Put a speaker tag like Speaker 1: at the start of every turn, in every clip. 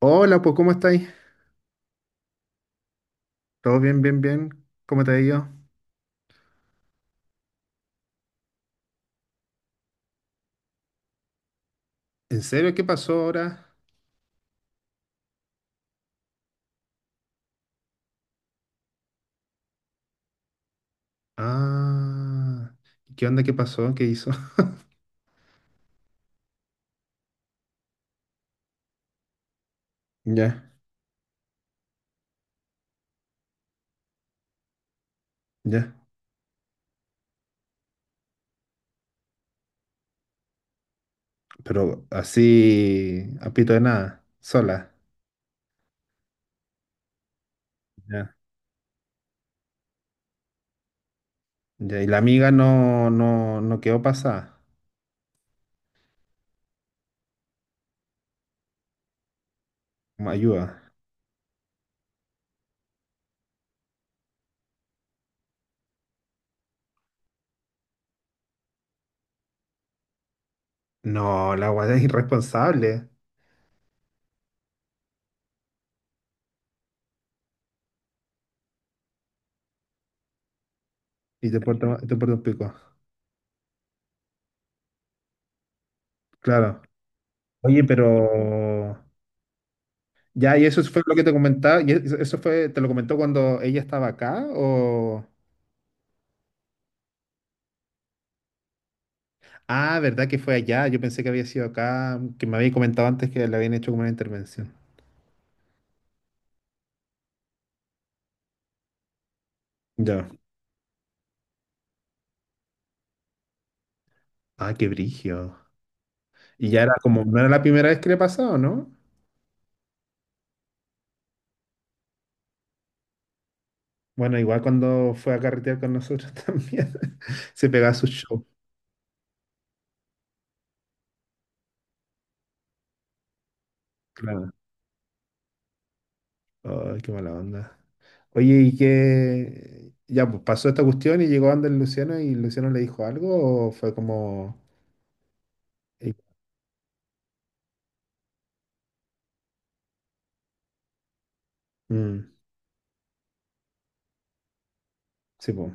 Speaker 1: Hola, pues, ¿cómo estáis? ¿Todo bien, bien, bien? ¿Cómo te ha ido? ¿En serio? ¿Qué pasó ahora? Ah, ¿qué onda? ¿Qué pasó? ¿Qué hizo? Ya, ya. Pero así, a pito de nada, sola. Ya, ya. Y la amiga no, no, no quedó pasada. Como ayuda. No, la guada es irresponsable. Y te porta un pico. Claro. Oye, pero... Ya, y eso fue lo que te comentaba. ¿Y eso fue, te lo comentó cuando ella estaba acá o...? Ah, ¿verdad que fue allá? Yo pensé que había sido acá, que me había comentado antes que le habían hecho como una intervención. Ya. Ah, qué brigio. Y ya era como, no era la primera vez que le pasaba, ¿no? Bueno, igual cuando fue a carretear con nosotros también, se pegaba su show. Claro. Ay, qué mala onda. Oye, ¿y qué? Ya, pues pasó esta cuestión y llegó Ander Luciano y Luciano le dijo algo o fue como... eh, mm, sí, pues,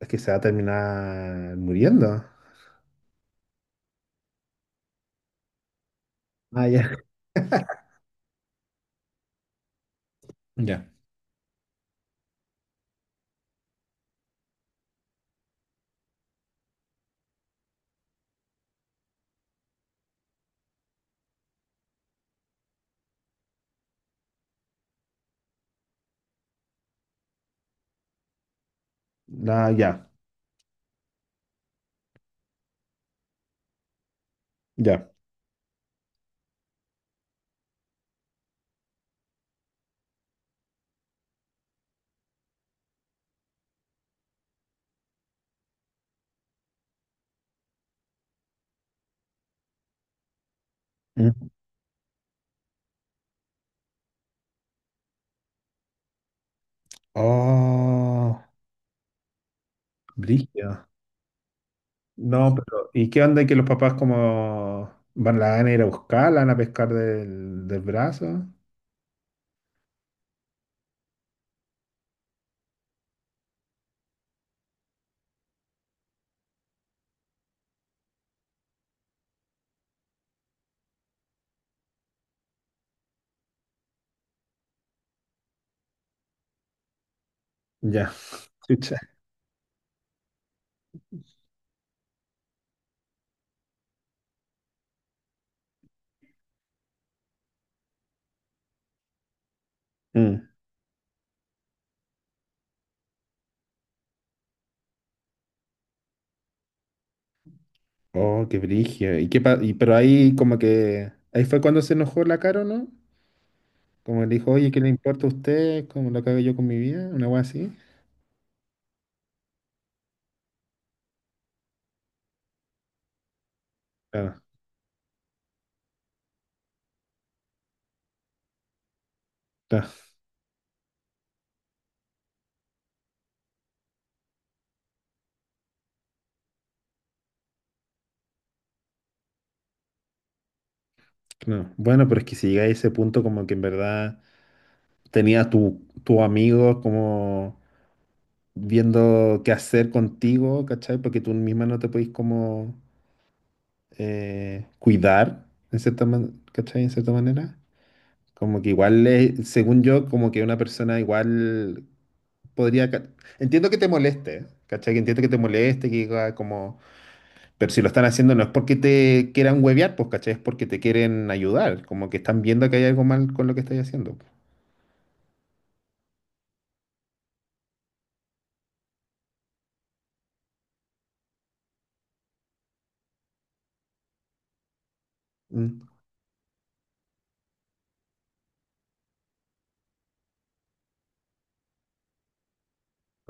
Speaker 1: es que se va a terminar muriendo. Ah, ya. Ya. No, ya. Ya. Mm. Oh, brígido. No, pero ¿y qué onda que los papás como van, la van a ir a buscar, la van a pescar del, del brazo? Ya, chucha. Mm. Oh, qué brillo. ¿Y qué y, pero ahí como que ahí fue cuando se enojó la Caro, ¿no? Como le dijo, oye, ¿qué le importa a usted? ¿Cómo lo cago yo con mi vida? Una cosa así. Claro, claro, claro. Bueno, pero es que si llega a ese punto como que en verdad tenía tu amigo como viendo qué hacer contigo, ¿cachai? Porque tú misma no te podís como cuidar, en cierta ¿cachai? En cierta manera. Como que igual, según yo, como que una persona igual podría... Entiendo que te moleste, ¿cachai? Que entiendo que te moleste, que diga como... Pero si lo están haciendo no es porque te quieran huevear, pues, ¿cachai? Es porque te quieren ayudar, como que están viendo que hay algo mal con lo que estás haciendo, pues. Mm.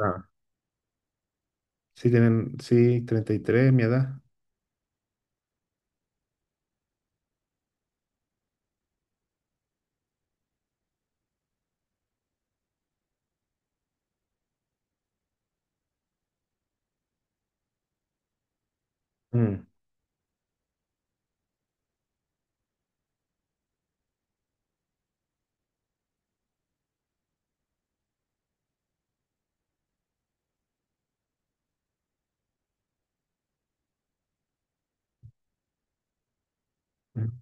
Speaker 1: Ah. Sí, tienen, sí, 33, mi edad. Mm. Mm.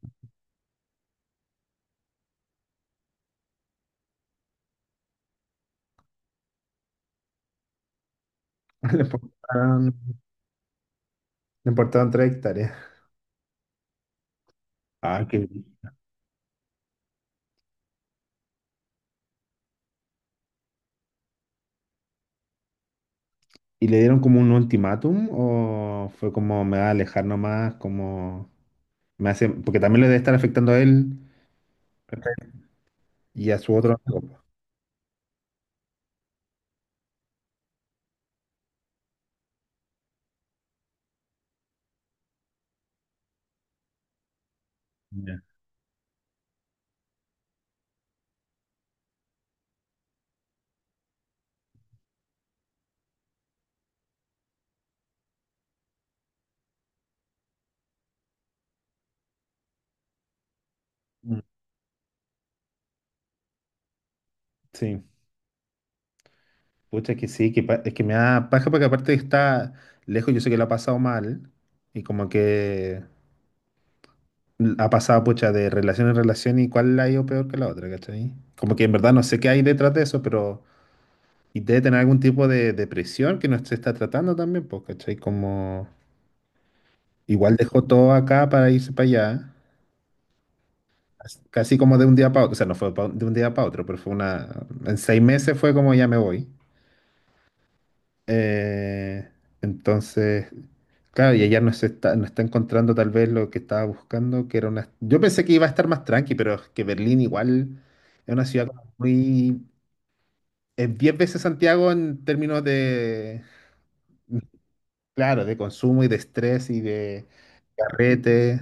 Speaker 1: Le pongo- Le importaban tres hectáreas. Ah, qué bien. ¿Y le dieron como un ultimátum o fue como me va a alejar nomás, como me hace, porque también le debe estar afectando a él, ¿cachai?, y a su otro amigo? Ya. Mm, sí, pucha que sí, que es que me da paja porque aparte está lejos, yo sé que lo ha pasado mal y como que ha pasado pucha de relación en relación y cuál la ha ido peor que la otra, ¿cachai? Como que en verdad no sé qué hay detrás de eso, pero y debe tener algún tipo de depresión que no se está tratando también, pues, ¿cachai? Como... Igual dejó todo acá para irse para allá, casi como de un día para otro, o sea, no fue de un día para otro, pero fue una, en 6 meses fue como ya me voy. Eh, entonces, claro, y ella no está encontrando tal vez lo que estaba buscando, que era una... Yo pensé que iba a estar más tranqui, pero es que Berlín igual es una ciudad como muy... Es 10 veces Santiago en términos de, claro, de consumo y de estrés y de carrete,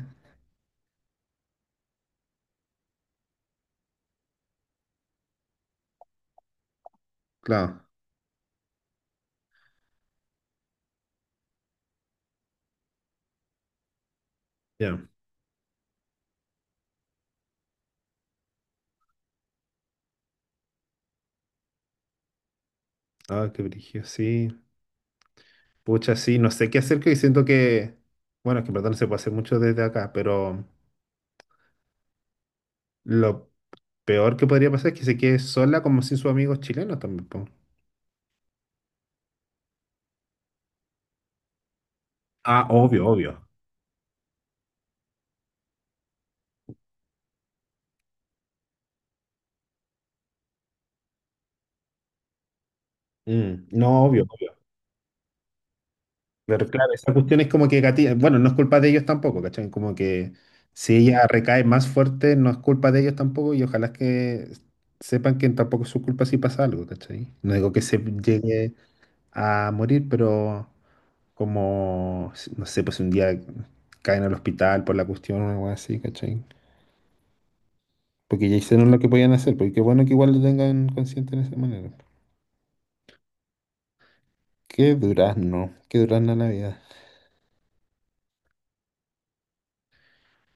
Speaker 1: claro. Ya, ah, qué brillo, sí. Pucha, sí, no sé qué hacer, que siento que, bueno, es que en verdad no se puede hacer mucho desde acá, pero lo peor que podría pasar es que se quede sola como sin sus amigos chilenos también, po. Ah, obvio, obvio. Mm, no, obvio, obvio. Pero claro, esa cuestión es como que bueno, no es culpa de ellos tampoco, ¿cachai? Como que si ella recae más fuerte, no es culpa de ellos tampoco y ojalá que sepan que tampoco es su culpa si pasa algo, ¿cachai? No digo que se llegue a morir, pero... como, no sé, pues si un día caen al hospital por la cuestión o algo así, ¿cachai? Porque ya hicieron lo que podían hacer, porque qué bueno que igual lo tengan consciente de esa manera. Qué durazno la vida.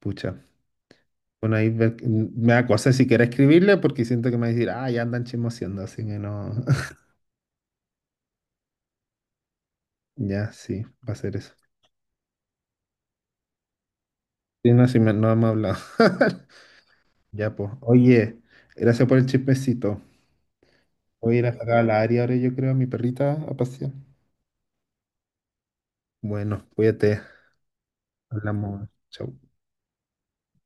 Speaker 1: Pucha. Bueno, ahí me da cosa si quiera escribirle porque siento que me va a decir, ah, ya andan chismoseando, así que no. Ya, sí, va a ser eso. Sí, no, sí, no hemos hablado. Ya, pues. Oye, gracias por el chismecito. Voy a ir a sacar a la área ahora, yo creo, a mi perrita a pasear. Bueno, cuídate. Hablamos. Chau.